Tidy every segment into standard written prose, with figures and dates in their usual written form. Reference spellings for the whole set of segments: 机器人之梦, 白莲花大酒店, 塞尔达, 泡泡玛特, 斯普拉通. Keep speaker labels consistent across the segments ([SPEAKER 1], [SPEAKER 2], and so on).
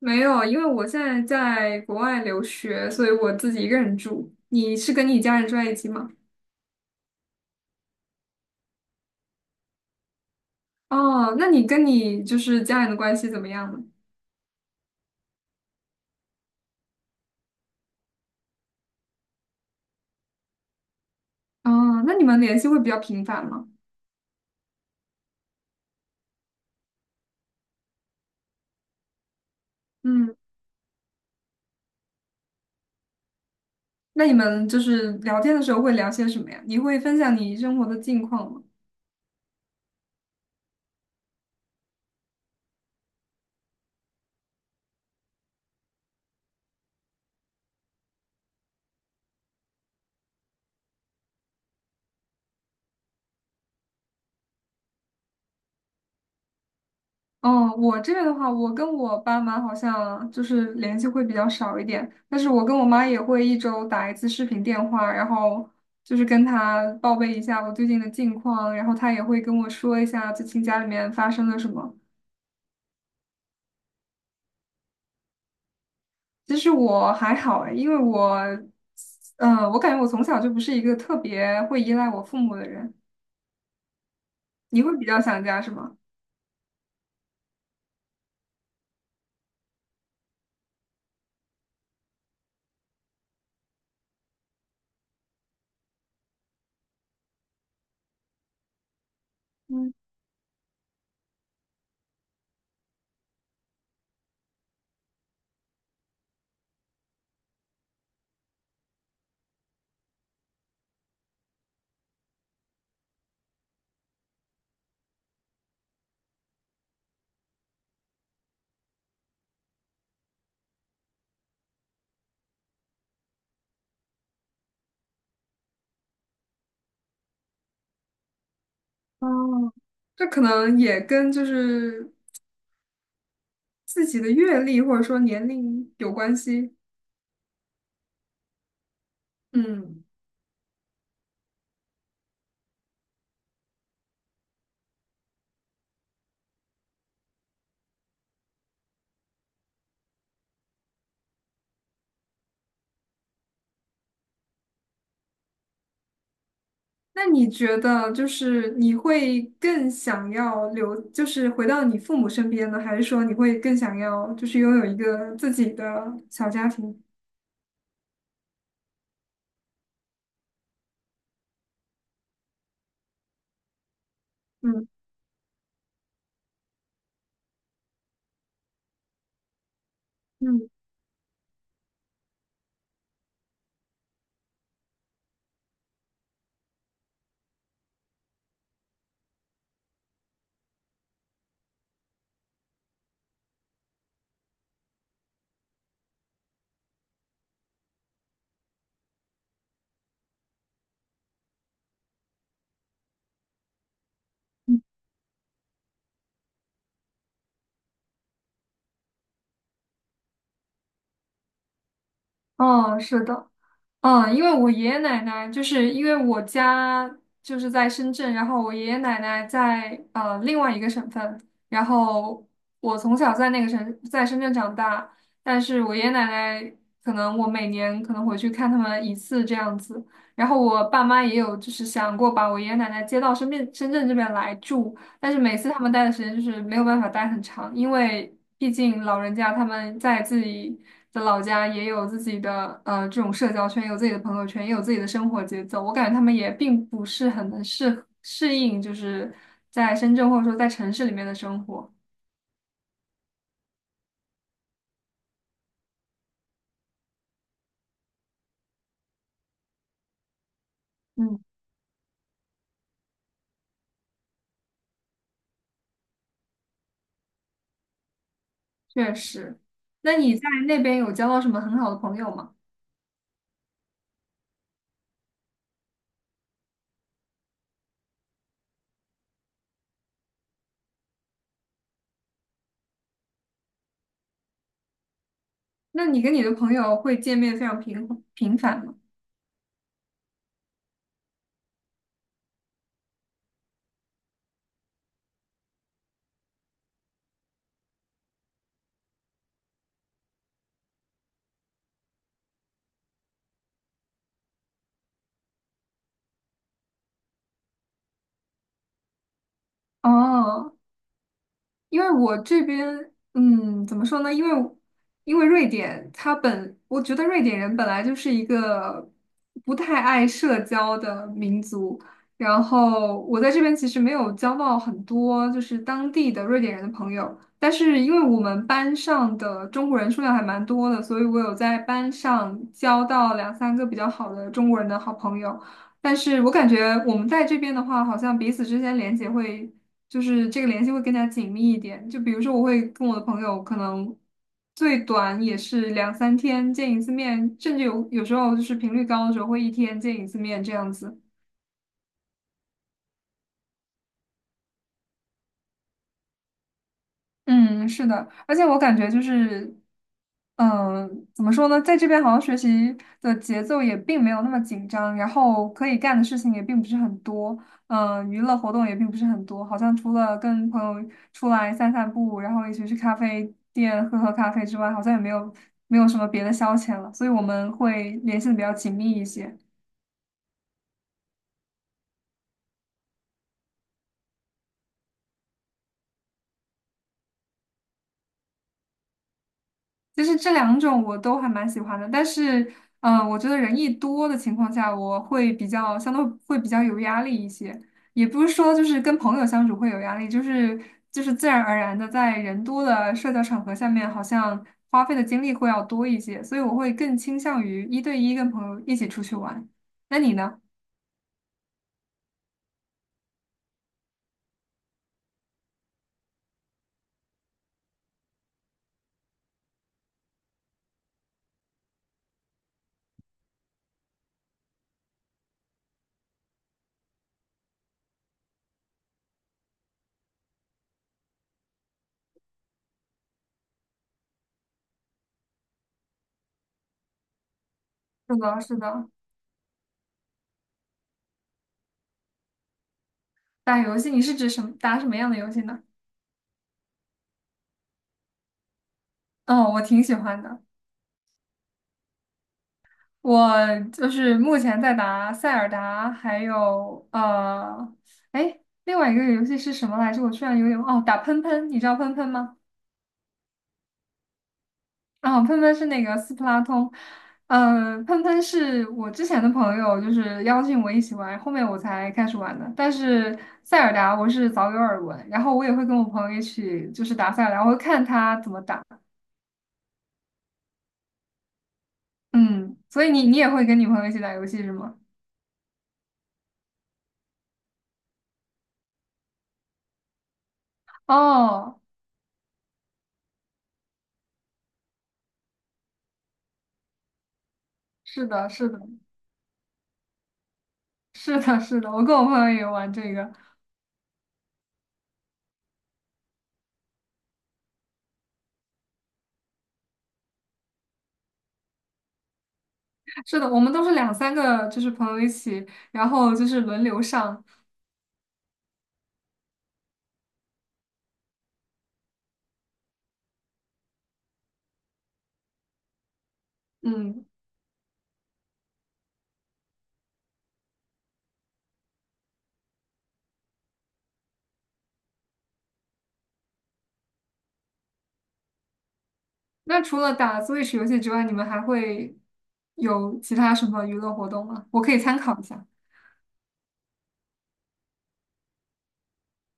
[SPEAKER 1] 没有，因为我现在在国外留学，所以我自己一个人住。你是跟你家人住在一起吗？哦，那你跟你家人的关系怎么样呢？哦，那你们联系会比较频繁吗？嗯，那你们就是聊天的时候会聊些什么呀？你会分享你生活的近况吗？嗯，我这边的话，我跟我爸妈好像就是联系会比较少一点，但是我跟我妈也会一周打一次视频电话，然后就是跟她报备一下我最近的近况，然后她也会跟我说一下最近家里面发生了什么。其实我还好诶，因为我，嗯、我感觉我从小就不是一个特别会依赖我父母的人。你会比较想家是吗？嗯，哦，这可能也跟就是自己的阅历或者说年龄有关系。嗯，那你觉得就是你会更想要留，就是回到你父母身边呢，还是说你会更想要就是拥有一个自己的小家庭？嗯，嗯，哦，是的，嗯，因为我爷爷奶奶就是因为我家就是在深圳，然后我爷爷奶奶在另外一个省份，然后我从小在那个省在深圳长大，但是我爷爷奶奶可能我每年可能回去看他们一次这样子，然后我爸妈也有就是想过把我爷爷奶奶接到深圳这边来住，但是每次他们待的时间就是没有办法待很长，因为毕竟老人家他们在自己的老家也有自己的这种社交圈，有自己的朋友圈，也有自己的生活节奏。我感觉他们也并不是很能适应，就是在深圳或者说在城市里面的生活。嗯，确实，那你在那边有交到什么很好的朋友吗？那你跟你的朋友会见面非常频繁吗？哦，因为我这边，嗯，怎么说呢？因为瑞典，它本我觉得瑞典人本来就是一个不太爱社交的民族，然后我在这边其实没有交到很多就是当地的瑞典人的朋友，但是因为我们班上的中国人数量还蛮多的，所以我有在班上交到两三个比较好的中国人的好朋友，但是我感觉我们在这边的话，好像彼此之间连接会。就是这个联系会更加紧密一点。就比如说，我会跟我的朋友可能最短也是两三天见一次面，甚至有时候就是频率高的时候会一天见一次面这样子。嗯，是的，而且我感觉就是，嗯，怎么说呢，在这边好像学习的节奏也并没有那么紧张，然后可以干的事情也并不是很多，嗯，娱乐活动也并不是很多，好像除了跟朋友出来散散步，然后一起去咖啡店喝喝咖啡之外，好像也没有什么别的消遣了，所以我们会联系的比较紧密一些。其实这两种我都还蛮喜欢的，但是，我觉得人一多的情况下，我会比较相对会比较有压力一些。也不是说就是跟朋友相处会有压力，就是自然而然的在人多的社交场合下面，好像花费的精力会要多一些，所以我会更倾向于一对一跟朋友一起出去玩。那你呢？是的，是的，打游戏，你是指什么，打什么样的游戏呢？嗯，我挺喜欢的。我就是目前在打塞尔达，还有哎，另外一个游戏是什么来着？我突然有点哦，打喷喷，你知道喷喷吗？喷喷是那个斯普拉通，喷喷是我之前的朋友就是邀请我一起玩，后面我才开始玩的。但是塞尔达我是早有耳闻，然后我也会跟我朋友一起就是打塞尔达，我会看他怎么打。嗯，所以你也会跟你朋友一起打游戏是吗？哦，是的，是的。是的，是的，我跟我朋友也玩这个。是的，我们都是两三个，就是朋友一起，然后就是轮流上。嗯，那除了打 Switch 游戏之外，你们还会有其他什么娱乐活动吗？我可以参考一下。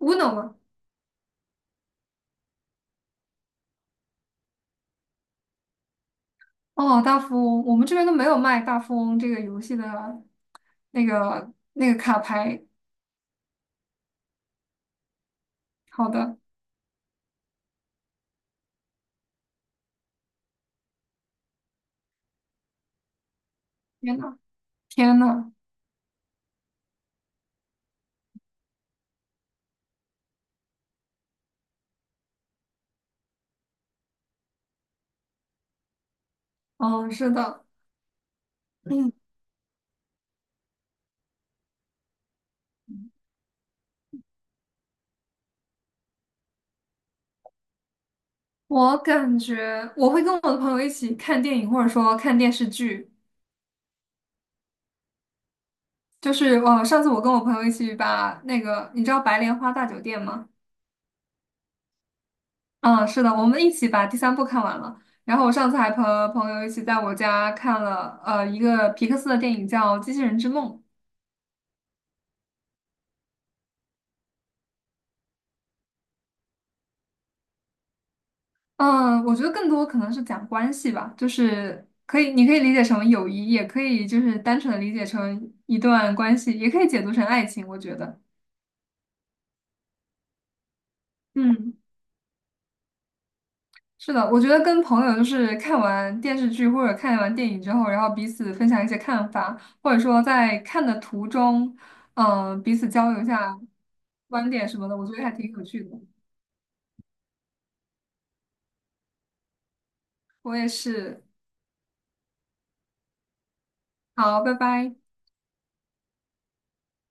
[SPEAKER 1] Uno 吗？哦，大富翁，我们这边都没有卖大富翁这个游戏的那个卡牌。好的，天呐，天呐，嗯，是的，嗯，我感觉我会跟我的朋友一起看电影，或者说看电视剧。就是我上次我跟我朋友一起把那个，你知道《白莲花大酒店》吗？嗯，是的，我们一起把第三部看完了。然后我上次还和朋友一起在我家看了一个皮克斯的电影叫《机器人之梦》。嗯，我觉得更多可能是讲关系吧，就是可以，你可以理解成友谊，也可以就是单纯的理解成一段关系，也可以解读成爱情，我觉得。嗯。是的，我觉得跟朋友就是看完电视剧或者看完电影之后，然后彼此分享一些看法，或者说在看的途中，彼此交流一下观点什么的，我觉得还挺有趣的。我也是，好，拜拜。